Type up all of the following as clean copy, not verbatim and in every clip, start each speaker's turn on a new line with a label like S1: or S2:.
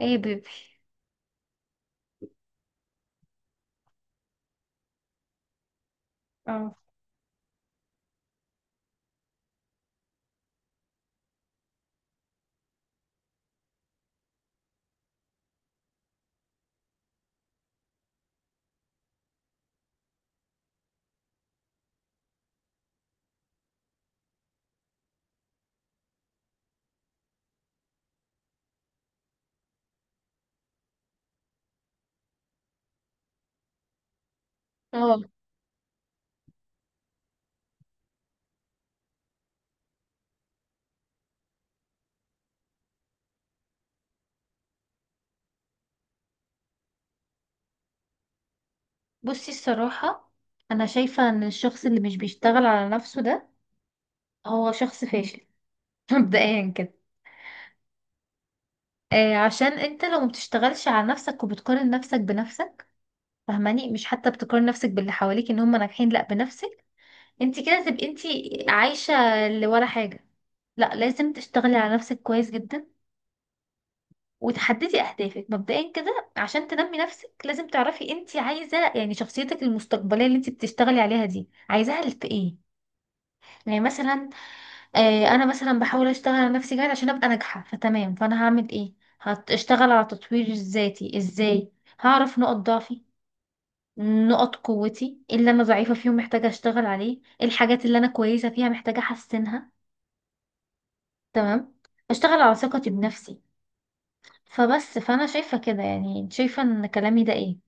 S1: ايه يا بيبي. اه. اه. بصي، الصراحة أنا شايفة إن الشخص اللي مش بيشتغل على نفسه ده هو شخص فاشل مبدئيا كده. آه، عشان أنت لو مبتشتغلش على نفسك وبتقارن نفسك بنفسك، فاهماني؟ مش حتى بتقارن نفسك باللي حواليك إن هم ناجحين، لأ، بنفسك. أنت كده تبقي أنت عايشة اللي ولا حاجة. لأ، لازم تشتغلي على نفسك كويس جدا وتحددي أهدافك. مبدئيا كده، عشان تنمي نفسك لازم تعرفي أنت عايزة، يعني شخصيتك المستقبلية اللي أنت بتشتغلي عليها دي عايزاها في إيه. يعني مثلا، آه انا مثلا بحاول اشتغل على نفسي جاهز عشان ابقى ناجحه، فتمام، فانا هعمل ايه؟ هشتغل على تطوير ذاتي ازاي؟ هعرف نقط ضعفي، نقط قوتي، إيه اللي انا ضعيفه فيهم محتاجه اشتغل عليه، إيه الحاجات اللي انا كويسه فيها محتاجه احسنها. تمام. اشتغل على ثقتي بنفسي. فبس، فانا شايفه كده، يعني شايفه ان كلامي ده ايه؟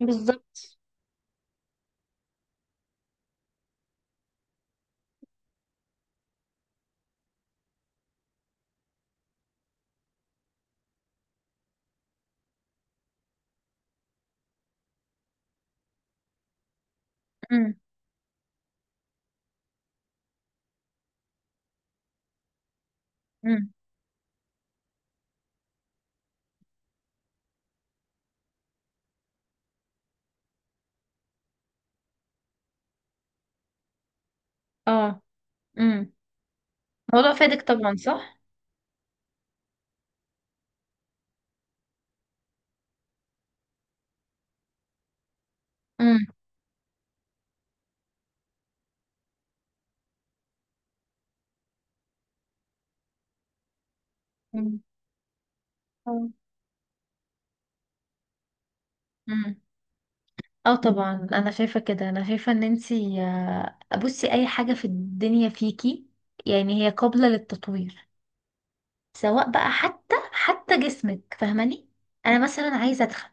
S1: بالظبط. امم. امم. اه. امم. الموضوع فادك طبعا، صح. امم. مم. آه. اه طبعا انا شايفه كده، انا شايفه ان انتي بصي اي حاجه في الدنيا فيكي يعني هي قابله للتطوير، سواء بقى حتى جسمك فاهماني. انا مثلا عايزه ادخل،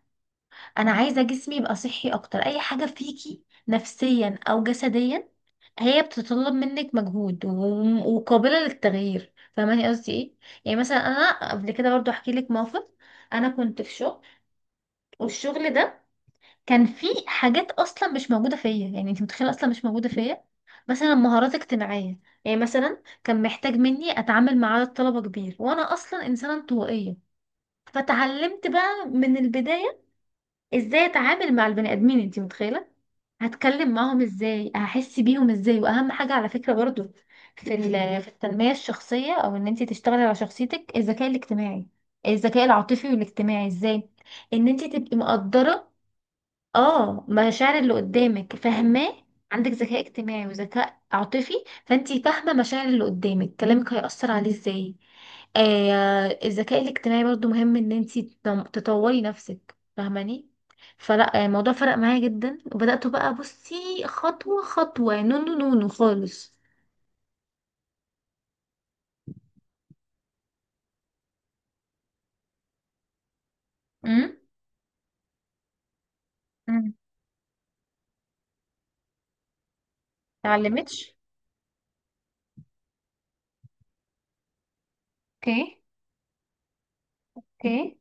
S1: انا عايزه جسمي يبقى صحي اكتر. اي حاجه فيكي نفسيا او جسديا هي بتتطلب منك مجهود وقابله للتغيير، فاهماني قصدي ايه؟ يعني مثلا انا قبل كده برضو احكي لك موقف. انا كنت في شغل، والشغل ده كان في حاجات اصلا مش موجوده فيا، يعني انت متخيله اصلا مش موجوده فيا. مثلا مهارات اجتماعيه، يعني مثلا كان محتاج مني اتعامل مع عدد طلبه كبير وانا اصلا انسانه انطوائيه. فتعلمت بقى من البدايه ازاي اتعامل مع البني ادمين. انت متخيله؟ هتكلم معاهم ازاي، هحس بيهم ازاي، واهم حاجه على فكره برضو في التنميه الشخصيه او ان انت تشتغلي على شخصيتك، الذكاء الاجتماعي، الذكاء العاطفي والاجتماعي، ازاي ان انت تبقي مقدره، اه، مشاعر اللي قدامك، فاهماه؟ عندك ذكاء اجتماعي وذكاء عاطفي، فانتي فاهمة مشاعر اللي قدامك كلامك هيأثر عليه ازاي. آه، الذكاء الاجتماعي برضو مهم ان انتي تطوري نفسك فاهماني. فلا، الموضوع فرق معايا جدا، وبدأت بقى، بصي، خطوة خطوة نونو نونو خالص. امم. مم. اتعلمتش. اوكي. اوكي.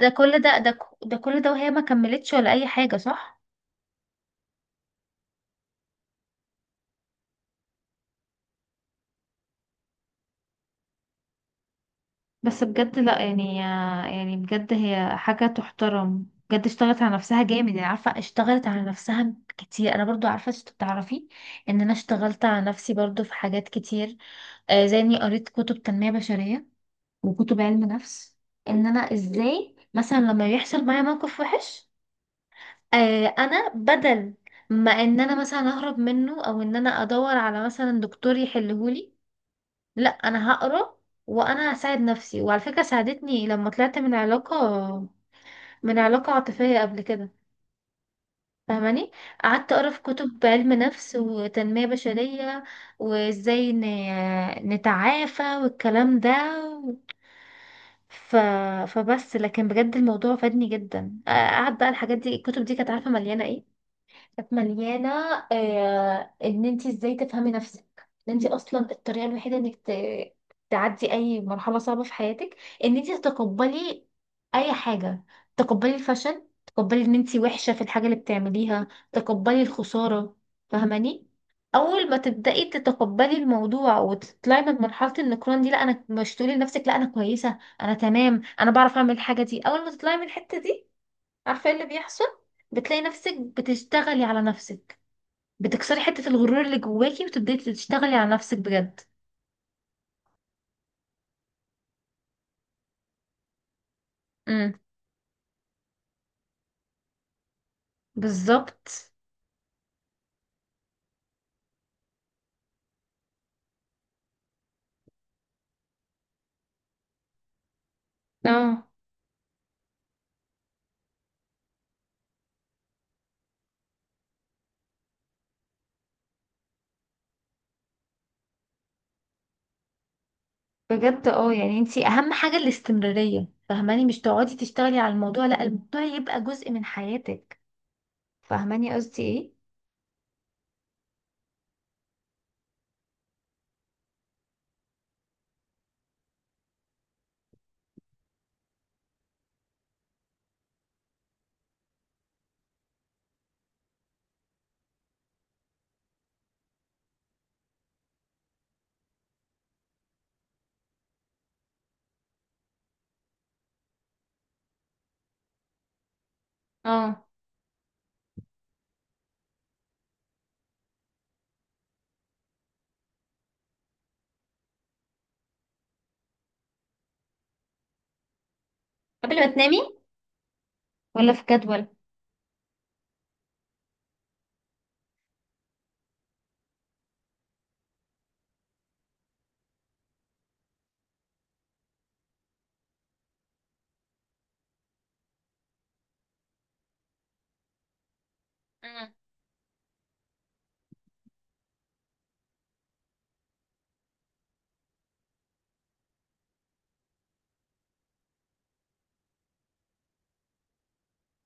S1: ده كل ده كل ده وهي ما كملتش ولا اي حاجة، صح؟ بس بجد، لا يعني، يعني بجد هي حاجة تحترم بجد. اشتغلت على نفسها جامد، يعني عارفة اشتغلت على نفسها كتير. انا برضو عارفة، انت بتعرفي ان انا اشتغلت على نفسي برضو في حاجات كتير، آه زي اني قريت كتب تنمية بشرية وكتب علم نفس، ان انا ازاي مثلا لما يحصل معايا موقف وحش، آه انا بدل ما ان انا مثلا اهرب منه او ان انا ادور على مثلا دكتور يحلهولي، لا انا هقرا وانا هساعد نفسي. وعلى فكره ساعدتني لما طلعت من علاقه، من علاقه عاطفيه قبل كده، فاهماني. قعدت اقرا في كتب علم نفس وتنميه بشريه وازاي نتعافى والكلام ده. ف... فبس، لكن بجد الموضوع فادني جدا. قعد بقى الحاجات دي، الكتب دي، كانت عارفه مليانه ايه؟ كانت مليانة ان انت ازاي تفهمي نفسك، ان انت اصلا الطريقة الوحيدة انك تعدي اي مرحلة صعبة في حياتك ان انت تتقبلي اي حاجة. تقبلي الفشل، تقبلي ان انت وحشة في الحاجة اللي بتعمليها، تقبلي الخسارة، فاهماني. اول ما تبدأي تتقبلي الموضوع وتطلعي من مرحلة النكران دي، لا انا مش، تقولي لنفسك لا انا كويسة انا تمام انا بعرف اعمل الحاجة دي، اول ما تطلعي من الحتة دي عارفة ايه اللي بيحصل؟ بتلاقي نفسك بتشتغلي على نفسك، بتكسري حتة الغرور اللي جواكي وتبدأي تشتغلي على نفسك بجد. امم. بالظبط. اه بجد، اه يعني انتي اهم حاجة الاستمرارية، فاهماني؟ مش تقعدي تشتغلي على الموضوع، لا الموضوع يبقى جزء من حياتك، فاهماني قصدي ايه؟ اه، قبل ما تنامي ولا في جدول؟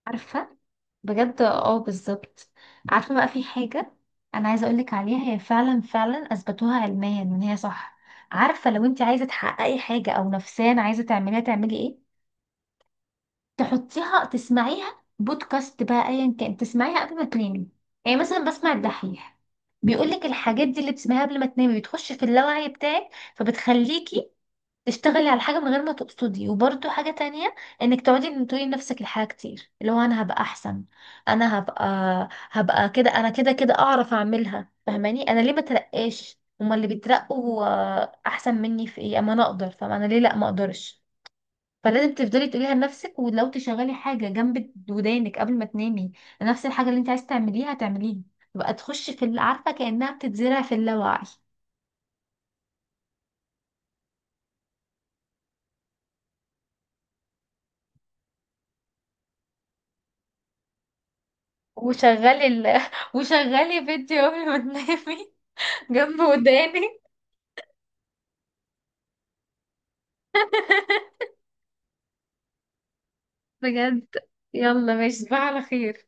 S1: عارفة، بجد اه بالظبط. عارفة بقى في حاجة انا عايزة اقولك عليها، هي فعلا فعلا اثبتوها علميا ان هي صح. عارفة لو انت عايزة تحققي حاجة او نفسيا عايزة تعمليها تعملي ايه؟ تحطيها، تسمعيها بودكاست بقى ايا كان، تسمعيها قبل ما تنامي. يعني مثلا بسمع الدحيح بيقولك الحاجات دي اللي بتسمعيها قبل ما تنامي بتخش في اللاوعي بتاعك، فبتخليكي تشتغلي على حاجة من غير ما تقصدي. وبرده حاجة تانية، انك تقعدي إن تقولي لنفسك الحاجة كتير، اللي هو انا هبقى احسن، انا هبقى، هبقى كده انا كده كده اعرف اعملها، فاهماني؟ انا ليه ما ترقاش، هما اللي بيترقوا احسن مني في ايه؟ اما انا اقدر، فانا ليه لا ما اقدرش؟ فلازم تفضلي تقوليها لنفسك، ولو تشغلي حاجة جنب ودانك قبل ما تنامي، نفس الحاجة اللي انت عايزة تعمليها تعمليها، تبقى تخش في اللي عارفة كأنها بتتزرع في اللاوعي. وشغلي ال... وشغلي فيديو قبل ما تنامي، جنب وداني. بجد. يلا ماشي، تصبح على خير.